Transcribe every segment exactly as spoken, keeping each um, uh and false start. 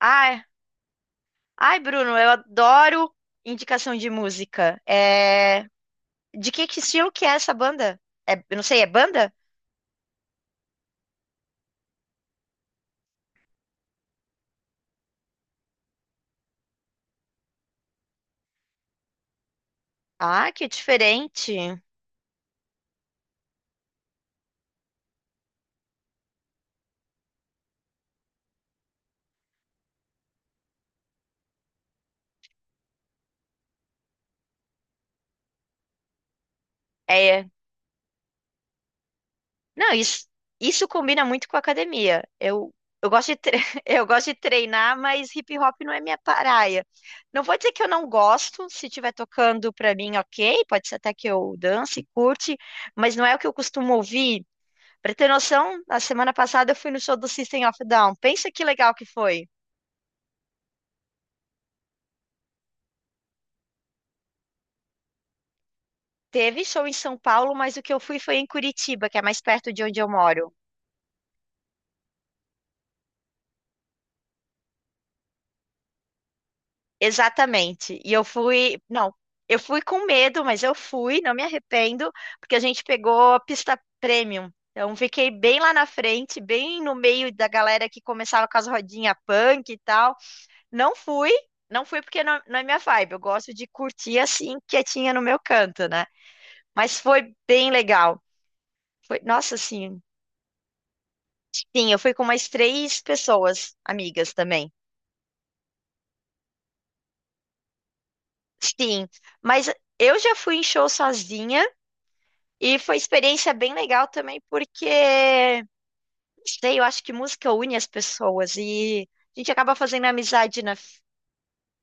Ai, ai, Bruno, eu adoro indicação de música. É... De que, que estilo que é essa banda? É, eu não sei, é banda? Ah, que diferente. É, não, isso, isso combina muito com a academia. Eu, eu gosto de tre- eu gosto de treinar, mas hip hop não é minha praia. Não vou dizer que eu não gosto, se estiver tocando pra mim, ok, pode ser até que eu dance, curte, mas não é o que eu costumo ouvir. Pra ter noção, na semana passada eu fui no show do System of a Down. Pensa que legal que foi. Teve show em São Paulo, mas o que eu fui foi em Curitiba, que é mais perto de onde eu moro. Exatamente. E eu fui, não, eu fui com medo, mas eu fui, não me arrependo, porque a gente pegou a pista premium. Então fiquei bem lá na frente, bem no meio da galera que começava com as rodinhas punk e tal. Não fui, não fui porque não, não é minha vibe. Eu gosto de curtir assim, quietinha no meu canto, né? Mas foi bem legal. Foi, nossa, sim. Sim, eu fui com umas três pessoas, amigas também. Sim, mas eu já fui em show sozinha e foi experiência bem legal também, porque, não sei, eu acho que música une as pessoas e a gente acaba fazendo amizade na.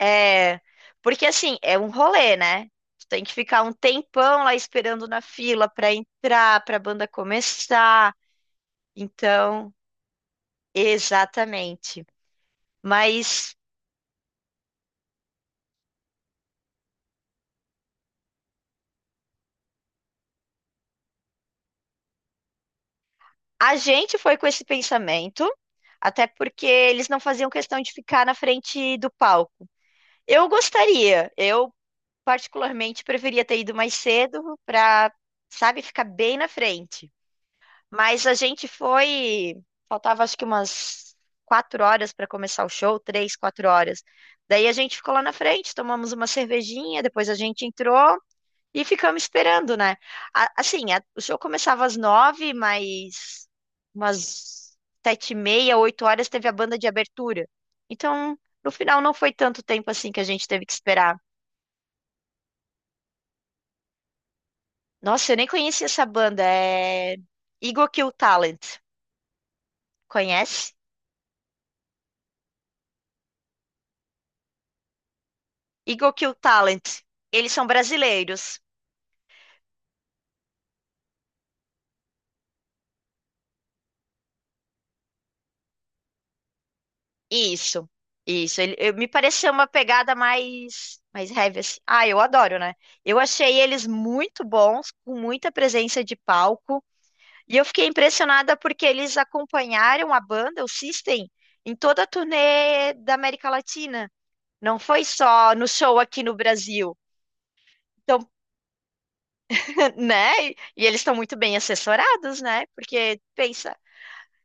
É, porque assim, é um rolê, né? Tu tem que ficar um tempão lá esperando na fila pra entrar, pra banda começar. Então, exatamente. Mas. A gente foi com esse pensamento, até porque eles não faziam questão de ficar na frente do palco. Eu gostaria, eu particularmente preferia ter ido mais cedo para, sabe, ficar bem na frente. Mas a gente foi, faltava acho que umas quatro horas para começar o show, três, quatro horas. Daí a gente ficou lá na frente, tomamos uma cervejinha, depois a gente entrou e ficamos esperando, né? A- Assim, a- o show começava às nove, mas umas sete e meia, oito horas teve a banda de abertura. Então, no final não foi tanto tempo assim que a gente teve que esperar. Nossa, eu nem conhecia essa banda. É Eagle Kill Talent. Conhece? Eagle Kill Talent. Eles são brasileiros. Isso, isso. Ele, eu- me pareceu uma pegada mais, mais heavy, assim. Ah, eu adoro, né? Eu achei eles muito bons, com muita presença de palco, e eu fiquei impressionada porque eles acompanharam a banda, o System, em toda a turnê da América Latina. Não foi só no show aqui no Brasil. Então, né? E eles estão muito bem assessorados, né? Porque pensa,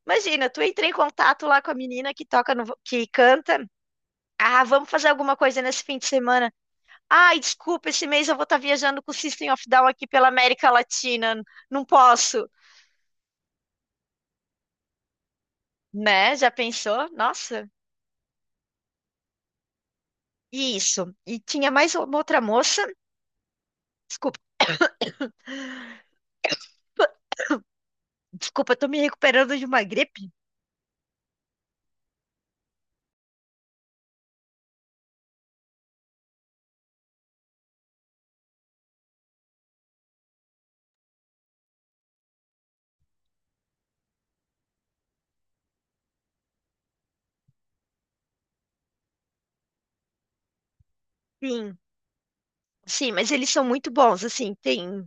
imagina, tu entra em contato lá com a menina que toca no, vo- que canta. Ah, vamos fazer alguma coisa nesse fim de semana. Ai, desculpa, esse mês eu vou estar viajando com o System of Down aqui pela América Latina. Não posso, né? Já pensou? Nossa. E isso. E tinha mais uma outra moça. Desculpa, desculpa, eu tô me recuperando de uma gripe. Sim, sim, mas eles são muito bons, assim, tem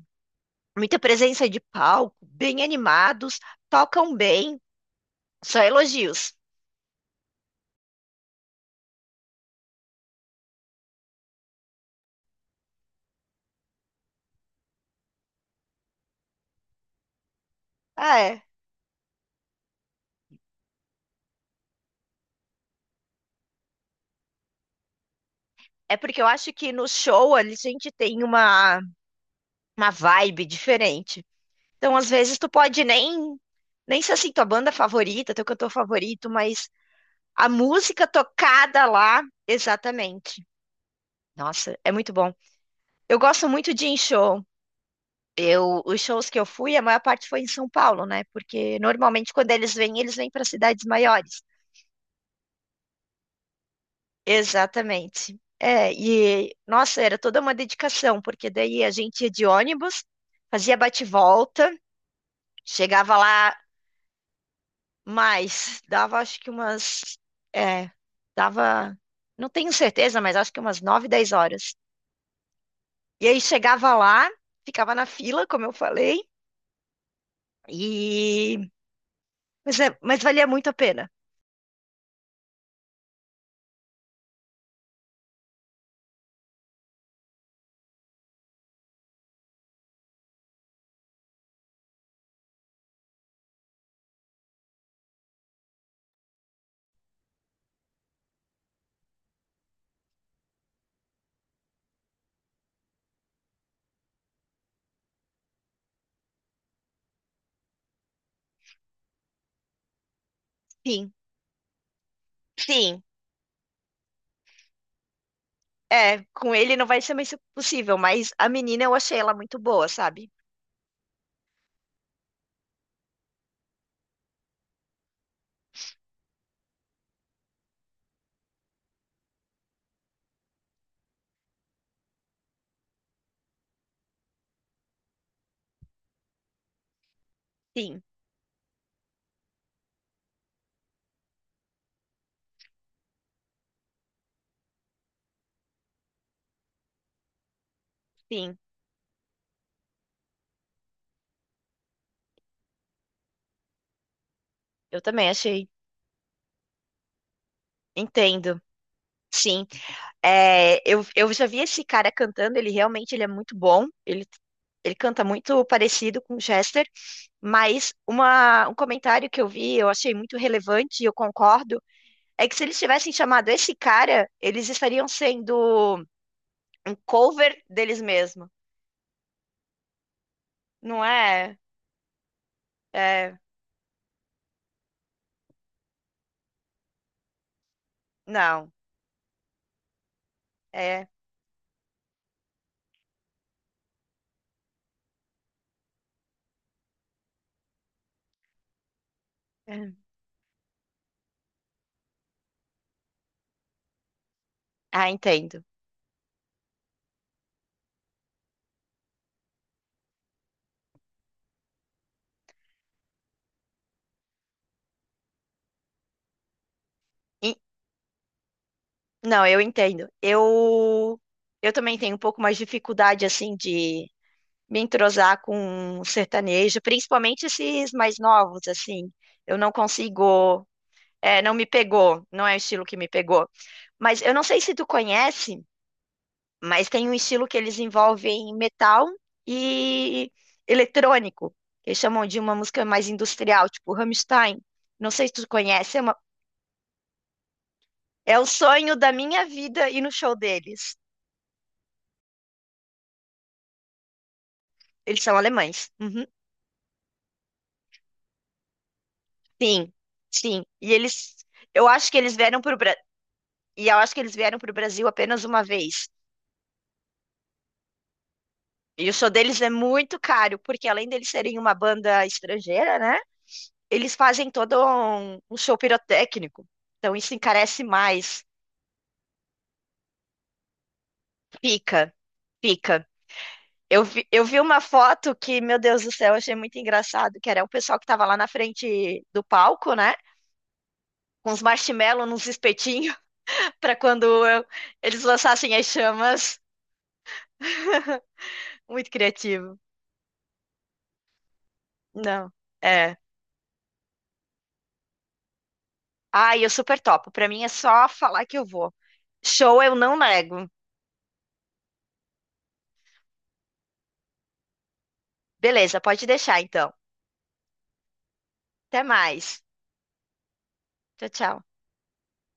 muita presença de palco, bem animados, tocam bem, só elogios. Ah, é. É porque eu acho que no show a gente tem uma, uma vibe diferente. Então, às vezes, tu pode nem, nem ser assim, tua banda favorita, teu cantor favorito, mas a música tocada lá, exatamente. Nossa, é muito bom. Eu gosto muito de ir em show. Eu, os shows que eu fui, a maior parte foi em São Paulo, né? Porque normalmente quando eles vêm, eles vêm para cidades maiores. Exatamente. É, e nossa, era toda uma dedicação, porque daí a gente ia de ônibus, fazia bate-volta, chegava lá. Mas dava acho que umas. É, dava. Não tenho certeza, mas acho que umas nove dez horas. E aí chegava lá, ficava na fila, como eu falei, e. Mas, é, mas valia muito a pena. Sim, sim. É, com ele não vai ser mais possível, mas a menina eu achei ela muito boa, sabe? Sim, sim. Eu também achei. Entendo. Sim. É, eu, eu já vi esse cara cantando, ele realmente ele é muito bom. Ele, ele canta muito parecido com o Chester, mas uma, um comentário que eu vi, eu achei muito relevante e eu concordo, é que se eles tivessem chamado esse cara, eles estariam sendo um cover deles mesmos. Não é? É, não. É. É. Ah, entendo. E- não, eu entendo. Eu eu também tenho um pouco mais de dificuldade assim de me entrosar com sertanejo, principalmente esses mais novos, assim. Eu não consigo, é, não me pegou, não é o estilo que me pegou. Mas eu não sei se tu conhece, mas tem um estilo que eles envolvem metal e eletrônico, que chamam de uma música mais industrial, tipo Rammstein. Não sei se tu conhece, é, uma- é o sonho da minha vida ir no show deles. Eles são alemães. Uhum. Sim, sim. E eles, eu acho que eles vieram para E eu acho que eles vieram para o Brasil apenas uma vez. E o show deles é muito caro, porque além deles serem uma banda estrangeira, né? Eles fazem todo um, um show pirotécnico. Então isso encarece mais. Fica, fica. Eu vi, eu vi uma foto que, meu Deus do céu, eu achei muito engraçado, que era o pessoal que estava lá na frente do palco, né? Com uns marshmallows, nos espetinhos, para quando eu- eles lançassem as chamas. Muito criativo. Não, é. Ai, eu super topo. Pra mim é só falar que eu vou. Show eu não nego. Beleza, pode deixar então. Até mais. Tchau, tchau.